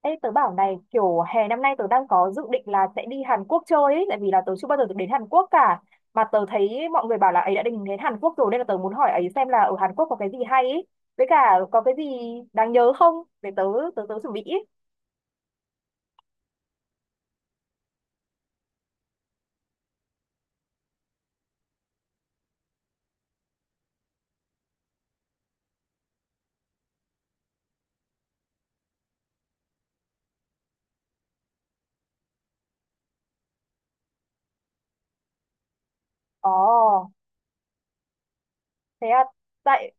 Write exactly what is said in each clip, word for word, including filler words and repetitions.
Ê, tớ bảo này, kiểu hè năm nay tớ đang có dự định là sẽ đi Hàn Quốc chơi ấy, tại vì là tớ chưa bao giờ được đến Hàn Quốc cả. Mà tớ thấy mọi người bảo là ấy đã định đến Hàn Quốc rồi, nên là tớ muốn hỏi ấy xem là ở Hàn Quốc có cái gì hay ấy, với cả có cái gì đáng nhớ không, để tớ tớ tớ chuẩn bị ý. Ồ, thế à. Tại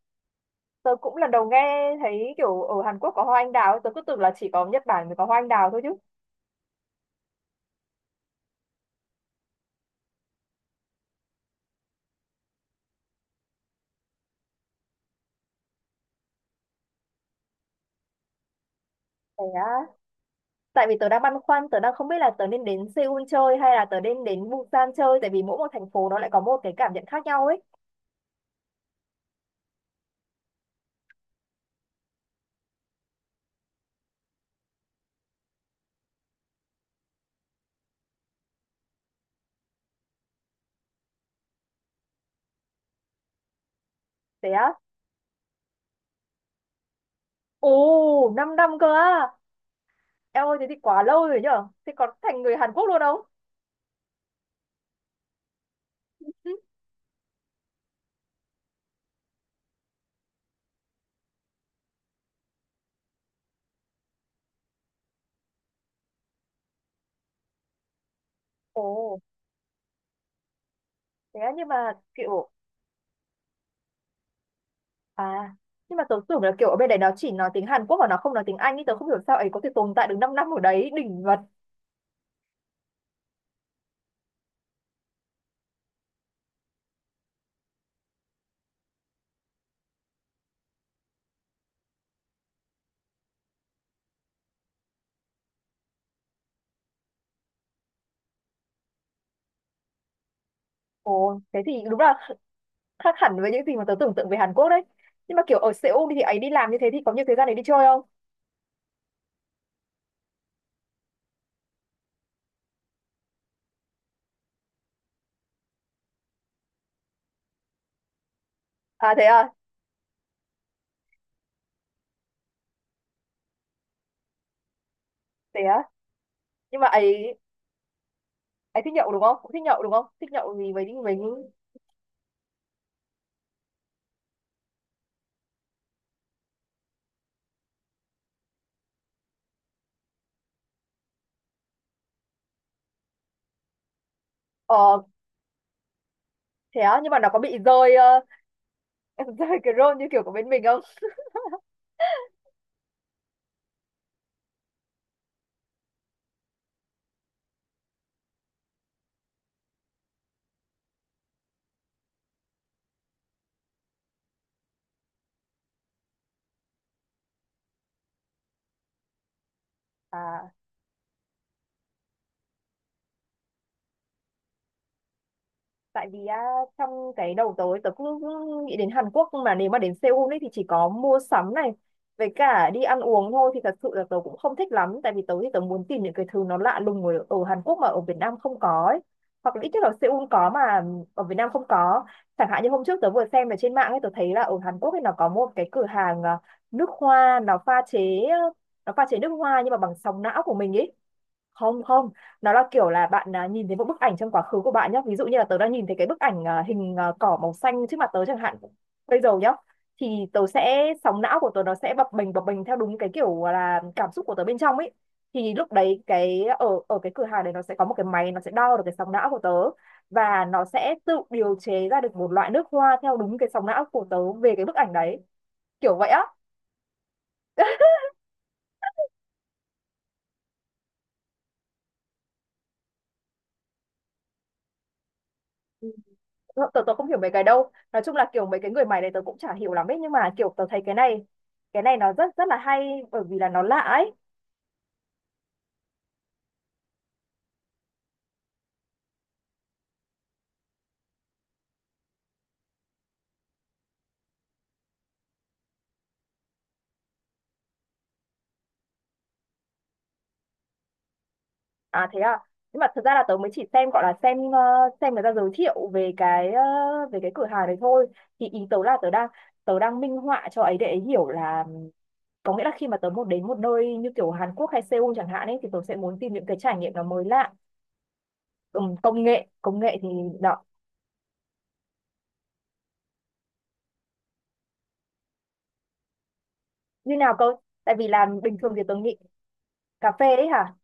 tớ cũng lần đầu nghe thấy kiểu ở Hàn Quốc có hoa anh đào ấy. Tớ cứ tưởng là chỉ có Nhật Bản mới có hoa anh đào thôi chứ. Thế á, tại vì tớ đang băn khoăn, tớ đang không biết là tớ nên đến Seoul chơi hay là tớ nên đến Busan chơi, tại vì mỗi một thành phố nó lại có một cái cảm nhận khác nhau ấy. Thế á? Ồ, 5 năm cơ á. Em ơi, thế thì quá lâu rồi nhở? Thế còn thành người Hàn Quốc luôn không? Ồ, thế á, nhưng mà kiểu. À, nhưng mà tớ tưởng là kiểu ở bên đấy nó chỉ nói tiếng Hàn Quốc và nó không nói tiếng Anh ý. Tớ không hiểu sao ấy có thể tồn tại được 5 năm ở đấy, đỉnh vật. Ồ, thế thì đúng là khác hẳn với những gì mà tớ tưởng tượng về Hàn Quốc đấy. Nhưng mà kiểu ở Seoul thì ấy đi làm như thế thì có nhiều thời gian để đi chơi không? À, thế à, thế á. Nhưng mà ấy ấy thích nhậu đúng không? Cũng thích nhậu đúng không? Thích nhậu gì với với ờ thế á, nhưng mà nó có bị rơi, ờ, em rơi cái role như kiểu của bên mình không? À, tại vì á, trong cái đầu tớ tớ cũng nghĩ đến Hàn Quốc, nhưng mà nếu mà đến Seoul ấy thì chỉ có mua sắm này với cả đi ăn uống thôi thì thật sự là tớ cũng không thích lắm, tại vì tớ thì tớ muốn tìm những cái thứ nó lạ lùng ở, ở Hàn Quốc mà ở Việt Nam không có ấy. Hoặc là ít nhất là Seoul có mà ở Việt Nam không có. Chẳng hạn như hôm trước tớ vừa xem ở trên mạng ấy, tớ thấy là ở Hàn Quốc ấy nó có một cái cửa hàng, à, nước hoa, nó pha chế nó pha chế nước hoa nhưng mà bằng sóng não của mình ấy. Không, không, nó là kiểu là bạn, à, nhìn thấy một bức ảnh trong quá khứ của bạn nhé, ví dụ như là tớ đã nhìn thấy cái bức ảnh, à, hình, à, cỏ màu xanh trước mặt tớ chẳng hạn, bây giờ nhá. Thì tớ sẽ, sóng não của tớ nó sẽ bập bềnh bập bềnh theo đúng cái kiểu là cảm xúc của tớ bên trong ấy. Thì lúc đấy cái ở ở cái cửa hàng đấy nó sẽ có một cái máy, nó sẽ đo được cái sóng não của tớ, và nó sẽ tự điều chế ra được một loại nước hoa theo đúng cái sóng não của tớ về cái bức ảnh đấy, kiểu vậy á. Tớ, tớ không hiểu mấy cái đâu, nói chung là kiểu mấy cái người mày này tớ cũng chả hiểu lắm ấy, nhưng mà kiểu tớ thấy cái này cái này nó rất rất là hay bởi vì là nó lạ ấy. À, thế à. Nhưng mà thật ra là tớ mới chỉ xem, gọi là xem, ờ, xem người ta giới thiệu về cái ờ, về cái cửa hàng này thôi. Thì ý tớ là tớ đang tớ đang minh họa cho ấy để ấy hiểu là, có nghĩa là khi mà tớ muốn đến một nơi như kiểu Hàn Quốc hay Seoul chẳng hạn ấy thì tớ sẽ muốn tìm những cái trải nghiệm nó mới lạ. Ừ, công nghệ công nghệ thì đó. Như nào cơ? Tại vì là bình thường thì tớ nghĩ. Cà phê ấy hả?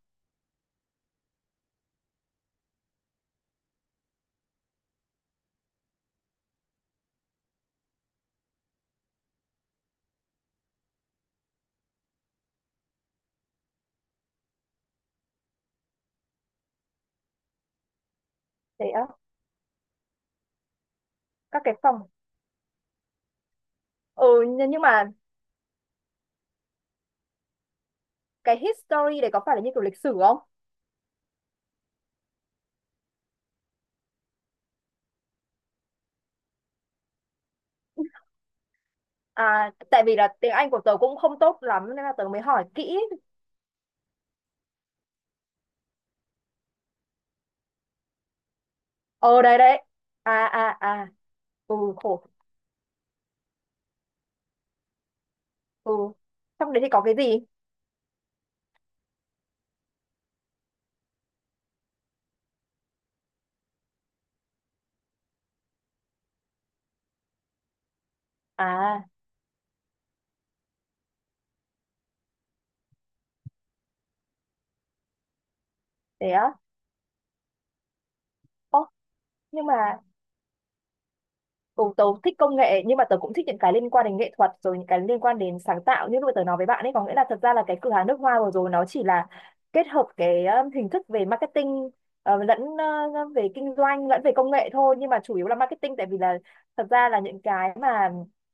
Thế á. Các cái phòng. Ừ. nhưng nhưng mà cái history đấy có phải là như kiểu lịch sử không? À, tại vì là tiếng Anh của tớ cũng không tốt lắm nên là tớ mới hỏi kỹ. Ờ, đây đấy. À, à, à. Ừ, khổ. Ừ. Trong đấy thì có cái gì? À, thế á. Ồ, nhưng mà. Ừ, tớ thích công nghệ nhưng mà tớ cũng thích những cái liên quan đến nghệ thuật, rồi những cái liên quan đến sáng tạo, như lúc mà tớ nói với bạn ấy, có nghĩa là thật ra là cái cửa hàng nước hoa vừa rồi nó chỉ là kết hợp cái um, hình thức về marketing, ờ, lẫn, ờ, về kinh doanh lẫn về công nghệ thôi, nhưng mà chủ yếu là marketing, tại vì là thật ra là những cái mà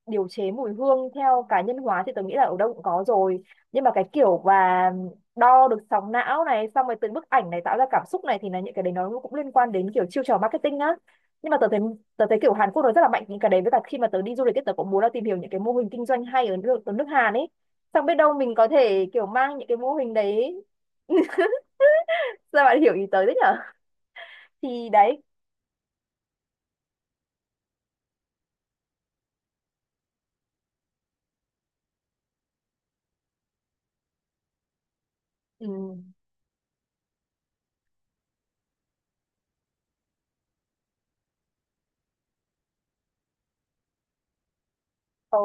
điều chế mùi hương theo cá nhân hóa thì tớ nghĩ là ở đâu cũng có rồi. Nhưng mà cái kiểu và đo được sóng não này, xong rồi từ bức ảnh này tạo ra cảm xúc này thì là những cái đấy nó cũng liên quan đến kiểu chiêu trò marketing á. Nhưng mà tớ thấy tớ thấy kiểu Hàn Quốc nó rất là mạnh những cái đấy, với cả khi mà tớ đi du lịch ấy, tớ cũng muốn là tìm hiểu những cái mô hình kinh doanh hay ở nước, ở nước Hàn ấy. Xong biết đâu mình có thể kiểu mang những cái mô hình đấy ra. Bạn hiểu ý tớ đấy nhở. Thì đấy. Ừ. Ồ,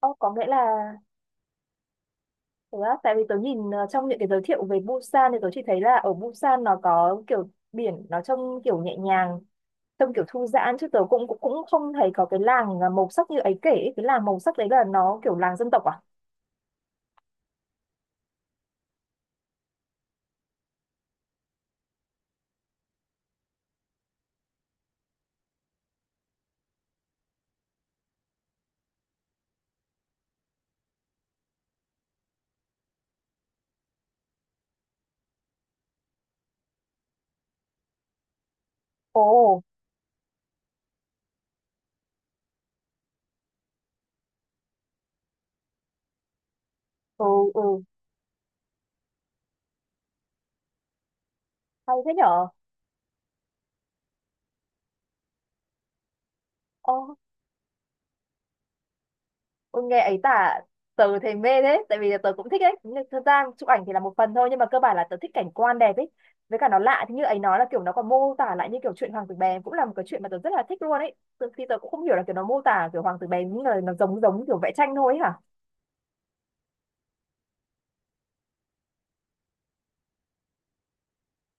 ồ, có nghĩa là thật ra tại vì tớ nhìn, ờ, trong những cái giới thiệu về Busan thì tớ chỉ thấy là ở Busan nó có kiểu biển nó trông kiểu nhẹ nhàng, trông kiểu thư giãn, chứ tớ cũng cũng cũng không thấy có cái làng, à, màu sắc như ấy kể ấy. Cái làng màu sắc đấy là nó kiểu làng dân tộc à? Ồ. Ừ. Ừ. Hay thế nhở. Ồ. Ôi nghe ấy tả tớ thấy mê thế, tại vì tớ cũng thích ấy, nhưng thực ra chụp ảnh thì là một phần thôi, nhưng mà cơ bản là tớ thích cảnh quan đẹp ấy, với cả nó lạ. Thì như ấy nói là kiểu nó còn mô tả lại như kiểu chuyện Hoàng tử bè cũng là một cái chuyện mà tớ rất là thích luôn ấy tớ, thì tớ cũng không hiểu là kiểu nó mô tả kiểu Hoàng tử bè những lời nó giống giống kiểu vẽ tranh thôi ấy hả?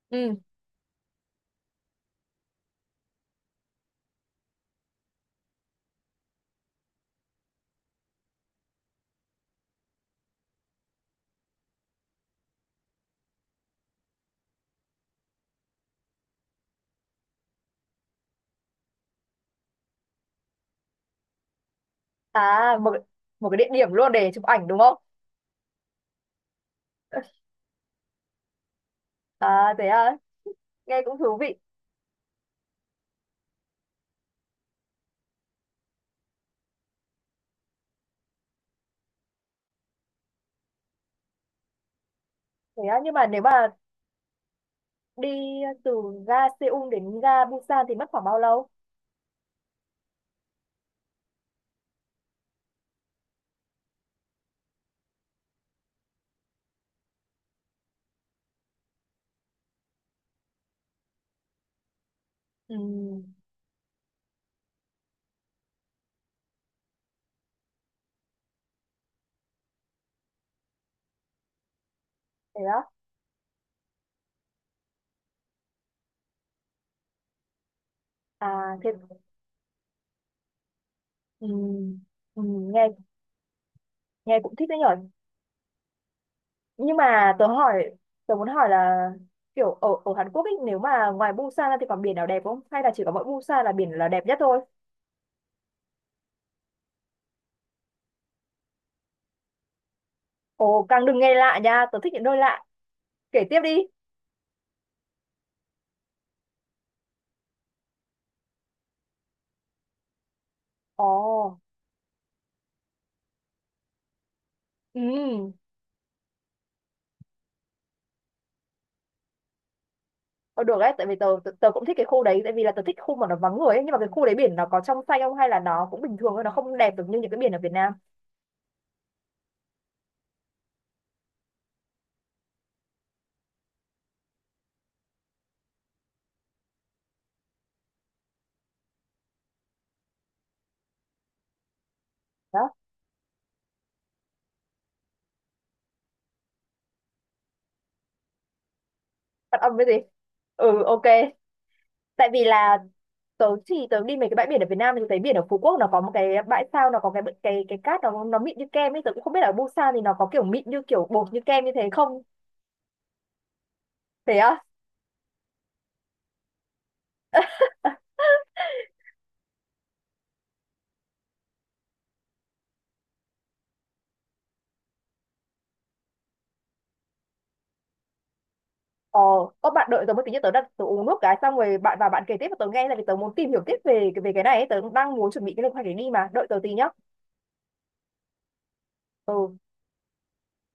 Ừ, à, một một cái địa điểm luôn để chụp ảnh đúng không? À, thế à. Nghe cũng thú vị. Thế à, nhưng mà nếu mà đi từ ga Seoul đến ga Busan thì mất khoảng bao lâu? Ừ, thế á. À, thế. Ừ, ừ, nghe nghe cũng thích đấy nhở. Nhưng mà tớ hỏi tớ muốn hỏi là, kiểu ở ở Hàn Quốc ấy, nếu mà ngoài Busan ra thì còn biển nào đẹp không, hay là chỉ có mỗi Busan là biển là đẹp nhất thôi? Ồ, càng đừng nghe lạ nha. Tớ thích những nơi lạ. Kể tiếp đi. Ồ. Ừ. ờ, được đấy, tại vì tớ, tớ tớ cũng thích cái khu đấy, tại vì là tớ thích khu mà nó vắng người ấy, nhưng mà cái khu đấy biển nó có trong xanh không, hay là nó cũng bình thường thôi, nó không đẹp được như những cái biển ở Việt Nam. Đó. Phát âm cái gì? Ừ, ok. Tại vì là tớ chỉ tớ đi mấy cái bãi biển ở Việt Nam thì tớ thấy biển ở Phú Quốc nó có một cái bãi sao, nó có cái cái cái cát, nó nó mịn như kem ấy, tớ cũng không biết là ở Busan thì nó có kiểu mịn như kiểu bột như kem như thế không. Thế á. ờ có bạn đợi tớ một tí nhé, tớ đặt, tớ uống nước cái xong rồi bạn vào bạn kể tiếp và tớ nghe, là vì tớ muốn tìm hiểu tiếp về về cái này ấy. Tớ cũng đang muốn chuẩn bị cái lịch hoạch để đi, mà đợi tớ tí nhá. Ừ.